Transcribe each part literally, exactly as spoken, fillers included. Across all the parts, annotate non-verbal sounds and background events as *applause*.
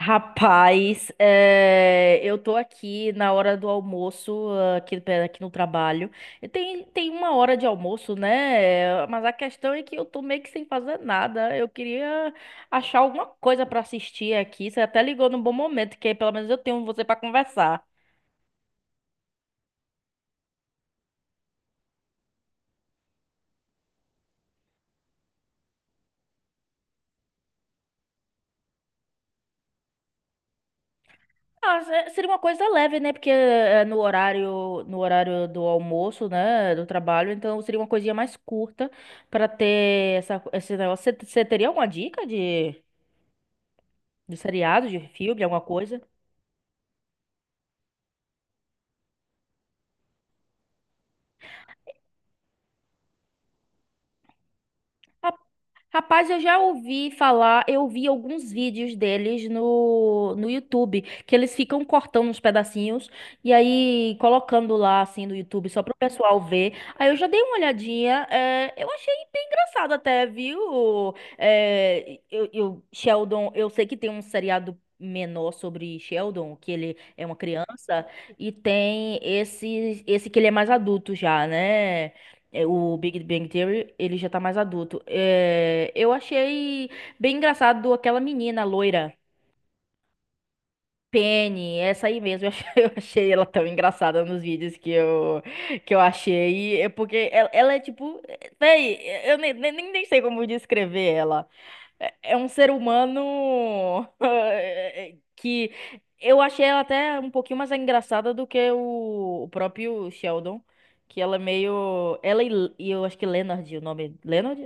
Rapaz, eh, eu tô aqui na hora do almoço, ah, aqui, pe- aqui no trabalho. E Tem, tem uma hora de almoço, né? Mas a questão é que eu tô meio que sem fazer nada. Eu queria achar alguma coisa pra assistir aqui. Você até ligou num bom momento, que aí pelo menos eu tenho você pra conversar. Ah, se- seria uma coisa leve, né? Porque eh, no horário, no horário do almoço, né? Do trabalho, então seria uma coisinha mais curta pra ter essa, esse negócio. Você você teria alguma dica de. De seriado, de filme, alguma coisa. Ra- Rapaz, eu já ouvi falar, eu vi alguns vídeos deles no, no YouTube, que eles ficam cortando uns pedacinhos e aí colocando lá, assim, no YouTube, só pro pessoal ver. Aí eu já dei uma olhadinha, é, eu achei bem engraçado até, viu? É, eu, eu- Sheldon, eu sei que tem um seriado menor sobre Sheldon, que ele é uma criança, e tem esse, esse que ele é mais adulto já, né? É, o Big Bang Theory, ele já tá mais adulto. É, eu achei bem engraçado aquela menina loira, Penny, essa aí mesmo. Eu achei, *laughs* eu achei ela tão engraçada nos vídeos que eu, que eu achei. É porque ela, ela é tipo. Véi, eu nem, nem, nem sei como descrever ela. É é um ser humano *laughs* que eu achei ela até um pouquinho mais engraçada do que o, o próprio Sheldon, que ela é meio. Ela e, e eu acho que Leonard, o nome. Leonard?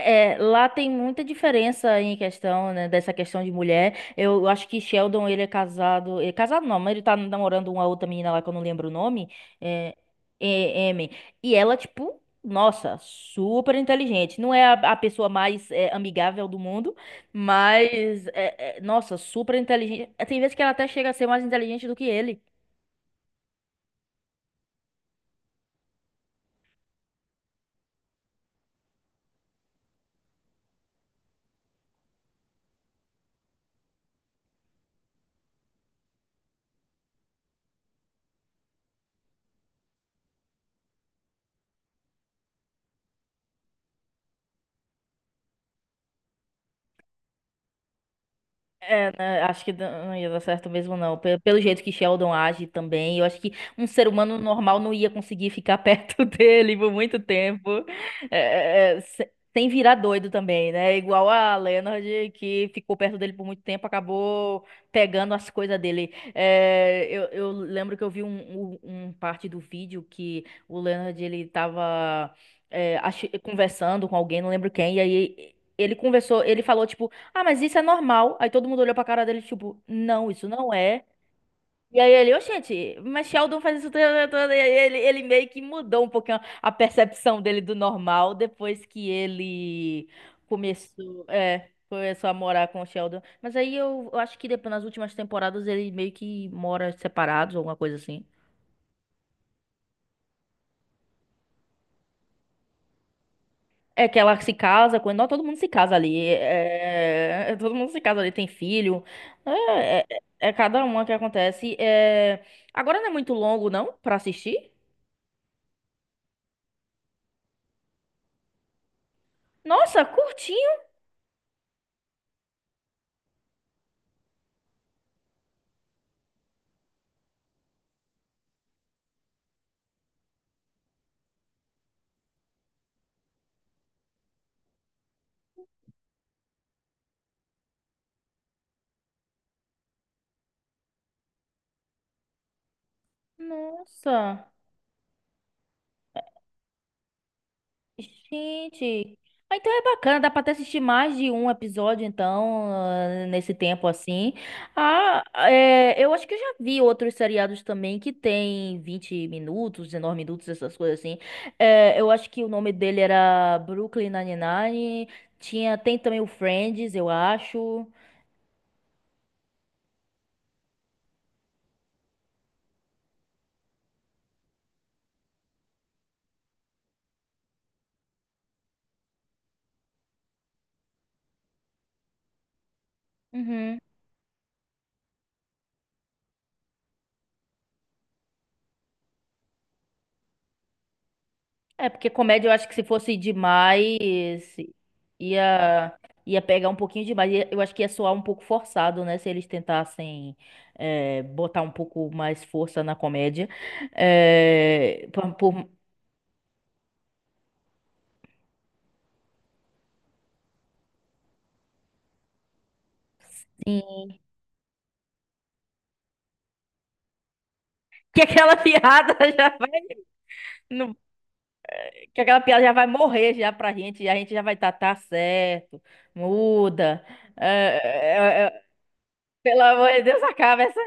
É, lá tem muita diferença em questão, né, dessa questão de mulher. Eu acho que Sheldon, ele é casado. É casado não, mas ele tá namorando uma outra menina lá que eu não lembro o nome. É, é, Amy. E ela, tipo, nossa, super inteligente. Não é a, a pessoa mais é, amigável do mundo, mas, é, é, nossa, super inteligente. É, tem vezes que ela até chega a ser mais inteligente do que ele. É, né, acho que não ia dar certo mesmo, não. Pe- Pelo jeito que Sheldon age também, eu acho que um ser humano normal não ia conseguir ficar *laughs* perto dele por muito tempo. É, é, é, se- Sem virar doido também, né? Igual a Leonard, que ficou perto dele por muito tempo, acabou pegando as coisas dele. É, eu, eu lembro que eu vi um, um, um parte do vídeo que o Leonard, ele tava é, ach- conversando com alguém, não lembro quem, e aí ele conversou, ele falou, tipo, ah, mas isso é normal. Aí todo mundo olhou pra cara dele, tipo, não, isso não é. E aí ele, ô gente, mas Sheldon faz isso toda, toda. E aí ele, ele meio que mudou um pouquinho a percepção dele do normal depois que ele começou, é, começou a morar com o Sheldon. Mas aí eu, eu acho que depois, nas últimas temporadas ele meio que mora separados, alguma coisa assim. É que ela se casa, com- não, todo mundo se casa ali. É, é, todo mundo se casa ali, tem filho. É, é- É cada uma que acontece. É. Agora não é muito longo, não, pra assistir? Nossa, curtinho. Nossa. Gente, ah, então é bacana, dá pra até assistir mais de um episódio, então, ah, nesse tempo assim. Ah, é, eu acho que eu já vi outros seriados também que tem vinte minutos, dezenove minutos, essas coisas assim. É, eu acho que o nome dele era Brooklyn Nine-Nine, tinha, tem também o Friends, eu acho. Uhum. É, porque comédia eu acho que se fosse demais, ia, ia pegar um pouquinho demais. Ia- Eu acho que ia soar um pouco forçado, né? Se eles tentassem eh, botar um pouco mais força na comédia. Eh, por- por- que aquela *laughs* piada já vai, não- que aquela piada já vai morrer já pra gente, e a gente já vai estar, tá, tá certo, muda. Eh, eh, eh, Pelo amor de Deus, acaba essa.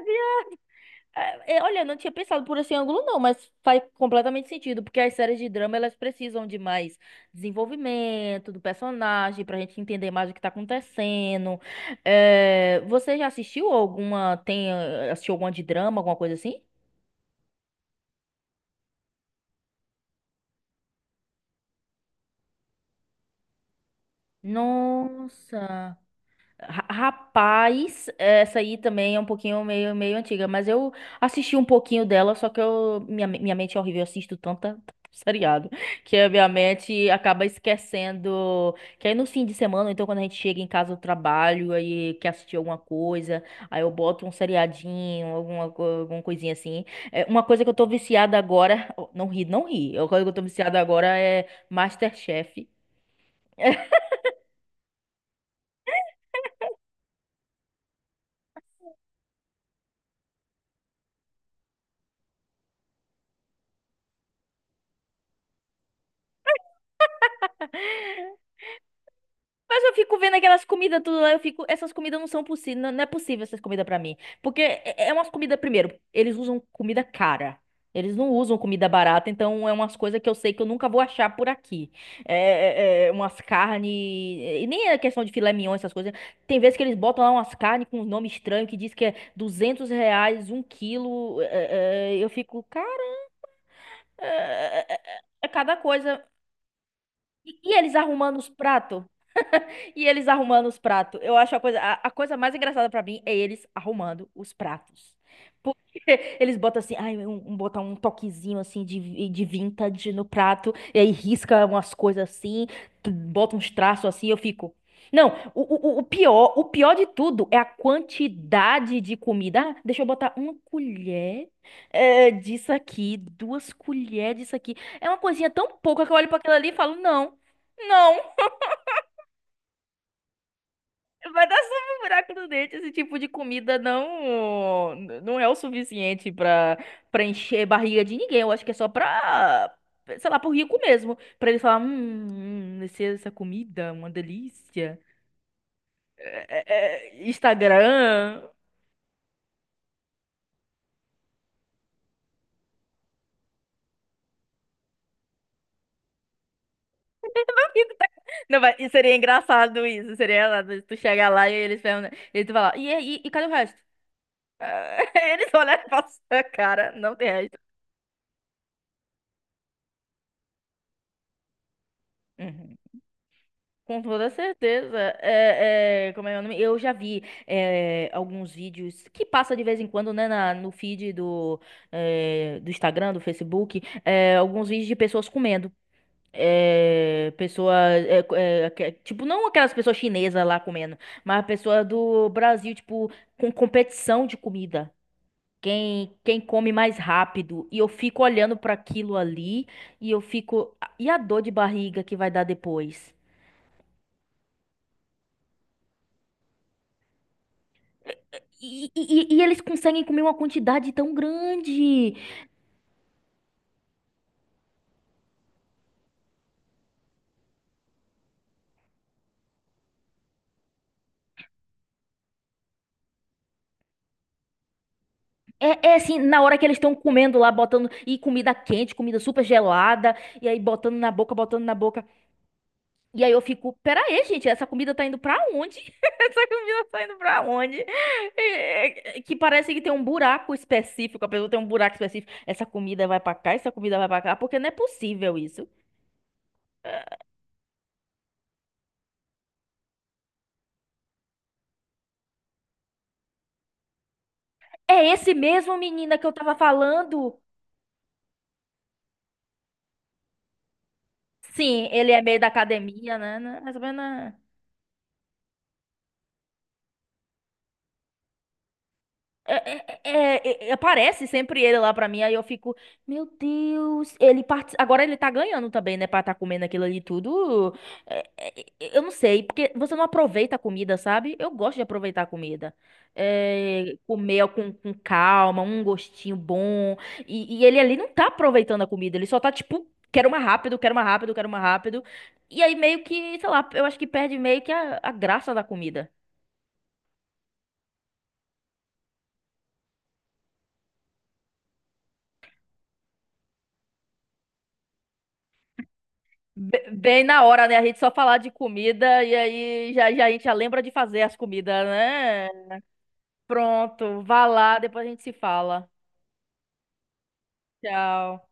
É, é, olha, eu não tinha pensado por esse ângulo, não, mas faz completamente sentido, porque as séries de drama elas precisam de mais desenvolvimento do personagem, pra gente entender mais o que tá acontecendo. É, você já assistiu alguma, tem, eh, assistiu alguma de drama, alguma coisa assim? Nossa. Ra- Rapaz, essa aí também é um pouquinho meio, meio antiga, mas eu assisti um pouquinho dela, só que eu, minha, me- minha mente é horrível, eu assisto tanta *laughs* seriado, que a minha mente acaba esquecendo, que aí no fim de semana, então quando a gente chega em casa do trabalho, aí quer assistir alguma coisa, aí eu boto um seriadinho, alguma, co- alguma coisinha assim. É, uma coisa que eu tô viciada agora, *laughs* não ri, não ri, uma coisa que eu tô viciada agora é MasterChef. Mas eu fico vendo aquelas comidas tudo lá, eu fico, essas comidas não são possíveis, não, não é possível essas comidas pra mim. Porque é é é umas comidas, primeiro, eles usam comida cara. Eles não usam comida barata, então é umas coisas que eu sei que eu nunca vou achar por aqui. É, é, é, umas carnes, e nem é questão de filé mignon, essas coisas. Tem vezes que eles botam lá umas carnes com um nome estranho que diz que é duzentos reais, um quilo. É, é, eu fico, cara, é, é, é é cada coisa. E, e eles arrumando os pratos? E eles arrumando os pratos. Eu acho a coisa, a, a coisa mais engraçada pra mim é eles arrumando os pratos. Porque *laughs* eles botam assim, ai, um, um- botam um toquezinho assim de, de vintage no prato, e aí risca umas coisas assim, tu- bota uns traços assim, eu fico. Não, o, o, o pior, o pior de tudo é a quantidade de comida. Ah, deixa eu botar uma colher eh, disso aqui, duas colheres disso aqui. É uma coisinha tão pouca que eu olho pra aquilo ali e falo, não, não. Vai dar só um buraco no dente. Esse tipo de comida não não é o suficiente pra para encher barriga de ninguém. Eu acho que é só pra, sei lá, pro rico mesmo. Pra ele falar, hum, hum, esse- essa comida, uma delícia. É, é, é, Instagram. *laughs* Não, vai, e seria engraçado isso. Seria engraçado se tu chegar lá e eles perguntam, e tu falar, e, e e, cadê o resto? Ah, *laughs* eles olham pra sua cara, não tem resto. Uhum. Com toda certeza. É, é, como é o nome? Eu já vi é, alguns vídeos que passa de vez em quando, né, na- no feed do, é, do Instagram, do Facebook, é, alguns vídeos de pessoas comendo. É, pessoa, é, é, aque- Tipo, não aquelas pessoas chinesas lá comendo, mas pessoa do Brasil, tipo, com competição de comida. Quem, quem come mais rápido. E eu fico olhando para aquilo ali e eu fico. "Ah, e a dor de barriga que vai dar depois? E, e- e eles conseguem comer uma quantidade tão grande. É, é assim, na hora que eles estão comendo lá, botando. E comida quente, comida super gelada. E aí botando na boca, botando na boca. E aí eu fico, pera aí, gente, essa comida tá indo pra onde? *laughs* Essa comida tá indo pra onde? É, é, que parece que tem um buraco específico. A pessoa tem um buraco específico. Essa comida vai pra cá, essa comida vai pra cá. Porque não é possível isso. É esse mesmo menina que eu tava falando. Sim, ele é meio da academia, né? Né, mais ou menos. É- é- é- é- é, aparece sempre ele lá pra mim, aí eu fico, meu Deus, ele part... agora ele tá ganhando também, né, pra tá comendo aquilo ali tudo. É, é, é, eu não sei, porque você não aproveita a comida, sabe? Eu gosto de aproveitar a comida. É, comer com, com calma, um gostinho bom. E, e ele ali não tá aproveitando a comida, ele só tá tipo, quero mais rápido, quero mais rápido, quero mais rápido. E aí meio que, sei lá, eu acho que perde meio que a a graça da comida. Be- Bem na hora, né? A gente só falar de comida e aí já, já a gente já lembra de fazer as comidas, né? Pronto, vá lá, depois a gente se fala. Tchau.